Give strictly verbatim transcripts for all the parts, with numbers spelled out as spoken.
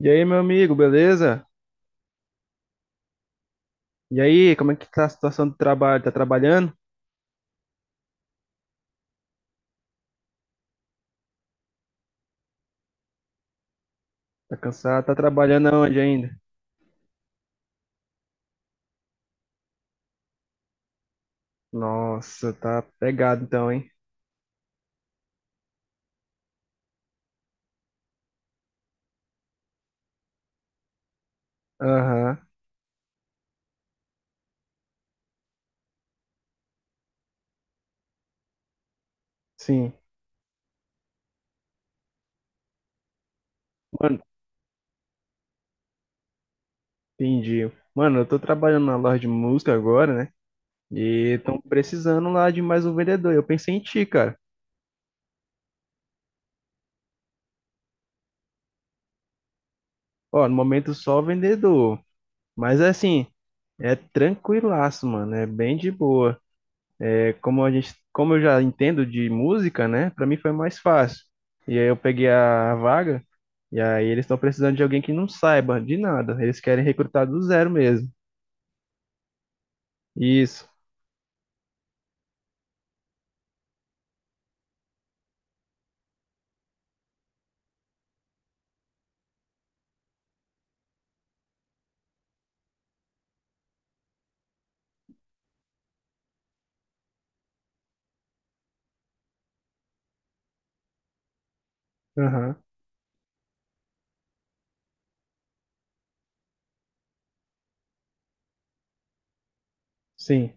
E aí, meu amigo, beleza? E aí, como é que tá a situação do trabalho? Tá trabalhando? Tá cansado? Tá trabalhando aonde ainda? Nossa, tá pegado então, hein? Aham, sim. Mano, entendi. Mano, eu tô trabalhando na loja de música agora, né? E estão precisando lá de mais um vendedor. Eu pensei em ti, cara. Ó, no momento só vendedor. Mas assim, é tranquilaço, mano. É bem de boa. É Como a gente, como eu já entendo de música, né? Para mim foi mais fácil. E aí eu peguei a vaga e aí eles estão precisando de alguém que não saiba de nada. Eles querem recrutar do zero mesmo. Isso. Aham. Sim.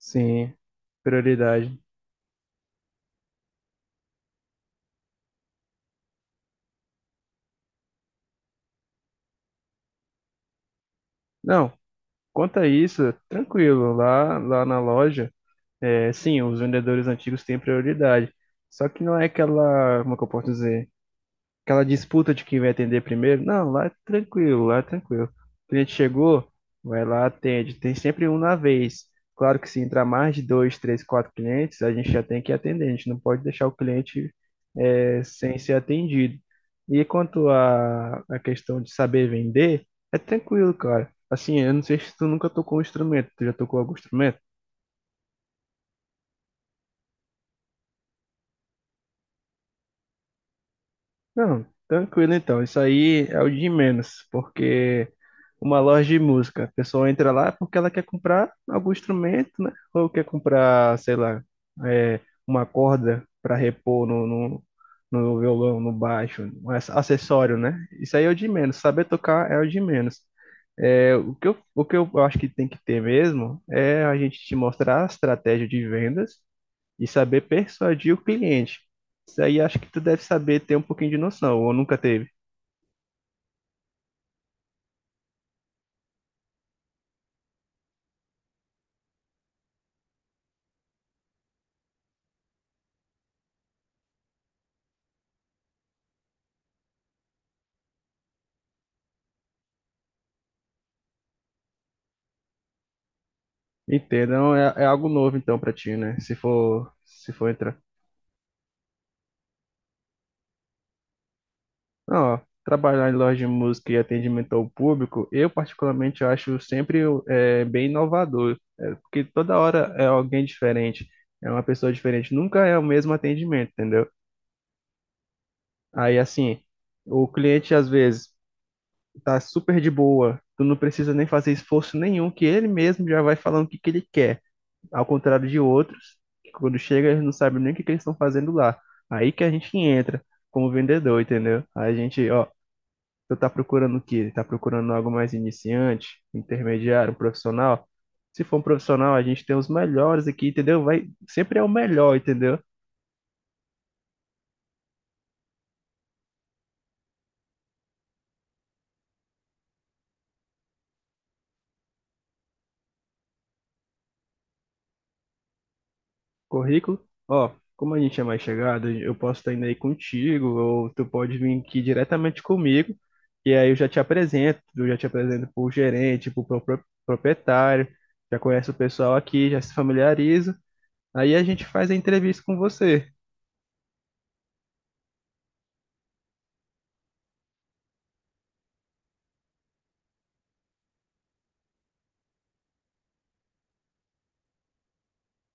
Sim. Prioridade. Não, quanto a isso, tranquilo. Lá, lá na loja, é, sim, os vendedores antigos têm prioridade. Só que não é aquela, como é que eu posso dizer? Aquela disputa de quem vai atender primeiro. Não, lá é tranquilo, lá é tranquilo. O cliente chegou, vai lá, atende. Tem sempre um na vez. Claro que se entrar mais de dois, três, quatro clientes, a gente já tem que atender. A gente não pode deixar o cliente eh, sem ser atendido. E quanto à à questão de saber vender, é tranquilo, cara. Assim, eu não sei se tu nunca tocou um instrumento. Tu já tocou algum instrumento? Não, tranquilo então. Isso aí é o de menos, porque uma loja de música, a pessoa entra lá porque ela quer comprar algum instrumento, né? Ou quer comprar, sei lá, é, uma corda para repor no, no, no violão, no baixo, um ac- acessório, né? Isso aí é o de menos. Saber tocar é o de menos. É, o que eu, o que eu acho que tem que ter mesmo é a gente te mostrar a estratégia de vendas e saber persuadir o cliente. Isso aí acho que tu deve saber ter um pouquinho de noção, ou nunca teve. Entendam, é, é algo novo então pra ti, né? Se for, se for entrar. Não, ó, trabalhar em loja de música e atendimento ao público, eu particularmente acho sempre é, bem inovador, é, porque toda hora é alguém diferente, é uma pessoa diferente, nunca é o mesmo atendimento, entendeu? Aí assim, o cliente às vezes tá super de boa, tu não precisa nem fazer esforço nenhum, que ele mesmo já vai falando o que que ele quer. Ao contrário de outros, que quando chega eles não sabem nem o que, que eles estão fazendo lá. Aí que a gente entra como vendedor, entendeu? Aí a gente, ó, você tá procurando o quê? Tá procurando algo mais iniciante, intermediário, um profissional? Se for um profissional, a gente tem os melhores aqui, entendeu? Vai, sempre é o melhor, entendeu? Currículo? Ó, como a gente é mais chegado, eu posso estar indo aí contigo, ou tu pode vir aqui diretamente comigo, e aí eu já te apresento, eu já te apresento pro gerente, pro pro- pro- proprietário, já conhece o pessoal aqui, já se familiariza, aí a gente faz a entrevista com você.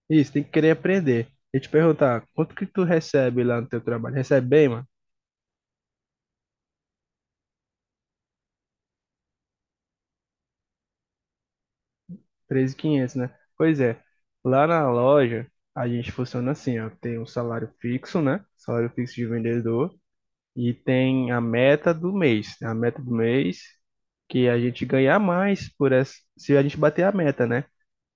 Isso, tem que querer aprender. E te perguntar, quanto que tu recebe lá no teu trabalho? Recebe bem, mano? Treze mil e quinhentos, né? Pois é, lá na loja a gente funciona assim, ó, tem um salário fixo, né? Salário fixo de vendedor. E tem a meta do mês, né? A meta do mês que é a gente ganhar mais por essa, se a gente bater a meta, né?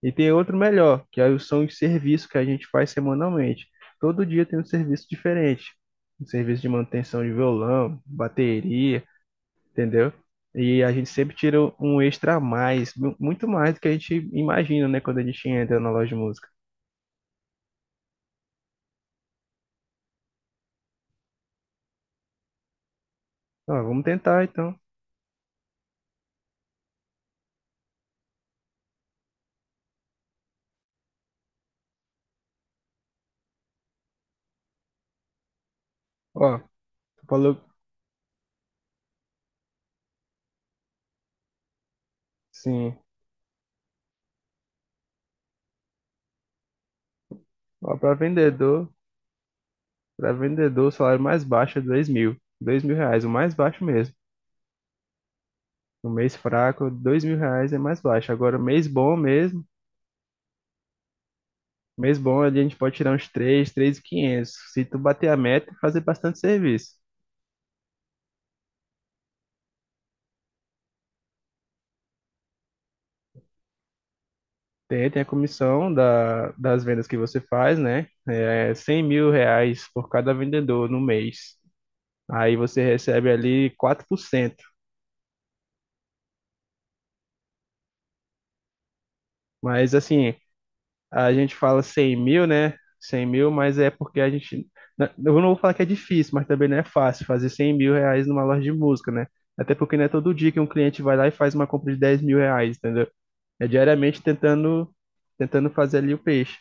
E tem outro melhor, que aí são os serviços que a gente faz semanalmente. Todo dia tem um serviço diferente. Um serviço de manutenção de violão, bateria, entendeu? E a gente sempre tira um extra a mais, mu- muito mais do que a gente imagina, né? Quando a gente entra na loja de música. Ó, vamos tentar então. Ó, tu falou sim. Ó, para vendedor. Para vendedor, o salário mais baixo é dois mil. Dois mil reais, o mais baixo mesmo. No mês fraco, dois mil reais é mais baixo. Agora, mês bom mesmo, mês bom ali a gente pode tirar uns três, três e quinhentos. Se tu bater a meta, é fazer bastante serviço. Tem, tem a comissão da, das vendas que você faz, né? É cem mil reais por cada vendedor no mês. Aí você recebe ali quatro por cento. Mas assim, a gente fala cem mil, né? Cem mil, mas é porque a gente. Né, eu não vou falar que é difícil, mas também não é fácil fazer cem mil reais numa loja de música, né? Até porque não é todo dia que um cliente vai lá e faz uma compra de dez mil reais, entendeu? É diariamente tentando, tentando fazer ali o peixe.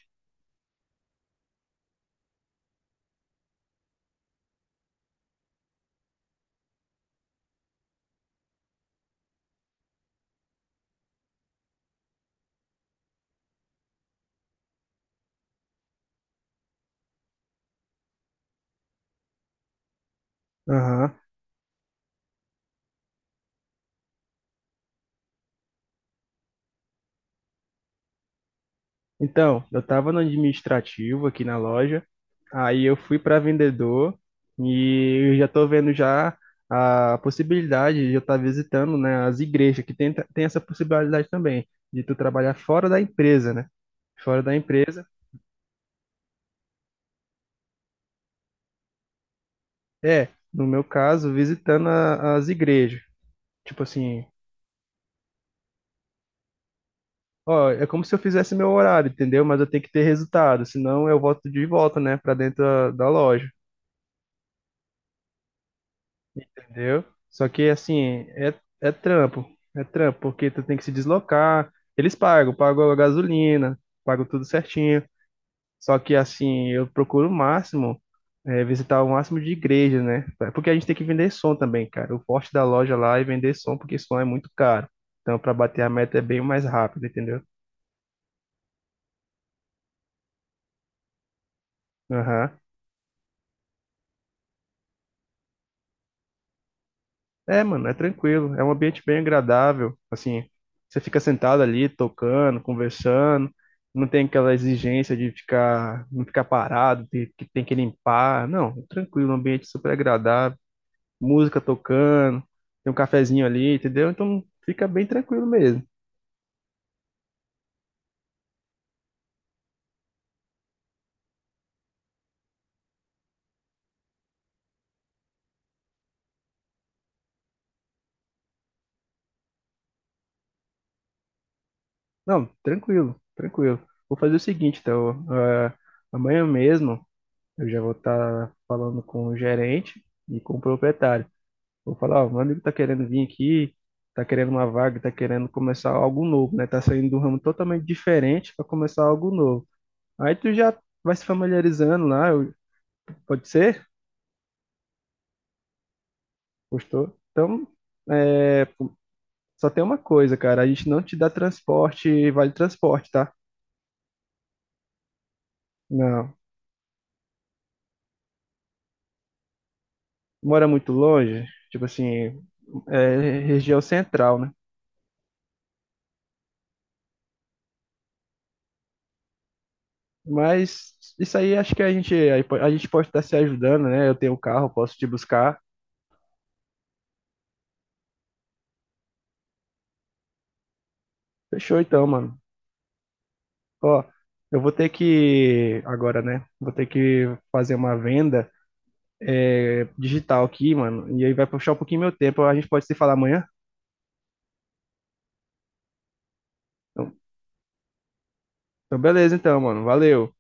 Aham. Então, eu estava no administrativo aqui na loja, aí eu fui para vendedor e eu já estou vendo já a possibilidade de eu estar visitando, né, as igrejas, que tem, tem essa possibilidade também, de tu trabalhar fora da empresa, né? Fora da empresa, é, no meu caso, visitando a- as igrejas. Tipo assim, ó, é como se eu fizesse meu horário, entendeu? Mas eu tenho que ter resultado, senão eu volto de volta, né, para dentro da da loja. Entendeu? Só que assim, é, é trampo. É trampo, porque tu tem que se deslocar. Eles pagam, pagam a gasolina, pagam tudo certinho. Só que assim, eu procuro o máximo, é, visitar o máximo de igreja, né? Porque a gente tem que vender som também, cara. O forte da loja lá é vender som, porque som é muito caro. Então, para bater a meta é bem mais rápido, entendeu? Aham. É, mano, é tranquilo. É um ambiente bem agradável. Assim, você fica sentado ali, tocando, conversando. Não tem aquela exigência de ficar, não ficar parado, de, que tem que limpar. Não, é tranquilo, um ambiente super agradável. Música tocando, tem um cafezinho ali, entendeu? Então fica bem tranquilo mesmo. Não, tranquilo, tranquilo. Vou fazer o seguinte, então, eh, amanhã mesmo eu já vou estar falando com o gerente e com o proprietário. Vou falar, ó, meu amigo tá querendo vir aqui, tá querendo uma vaga, tá querendo começar algo novo, né? Tá saindo de um ramo totalmente diferente para começar algo novo. Aí tu já vai se familiarizando lá, eu- pode ser? Gostou? Então, é, só tem uma coisa, cara, a gente não te dá transporte, vale transporte, tá? Não. Mora muito longe, tipo assim, é região central, né? Mas isso aí acho que a gente, a gente pode estar se ajudando, né? Eu tenho um carro, posso te buscar. Fechou então, mano. Ó, eu vou ter que agora, né? Vou ter que fazer uma venda é, digital aqui, mano. E aí vai puxar um pouquinho meu tempo. A gente pode se falar amanhã? Então, então beleza, então, mano. Valeu.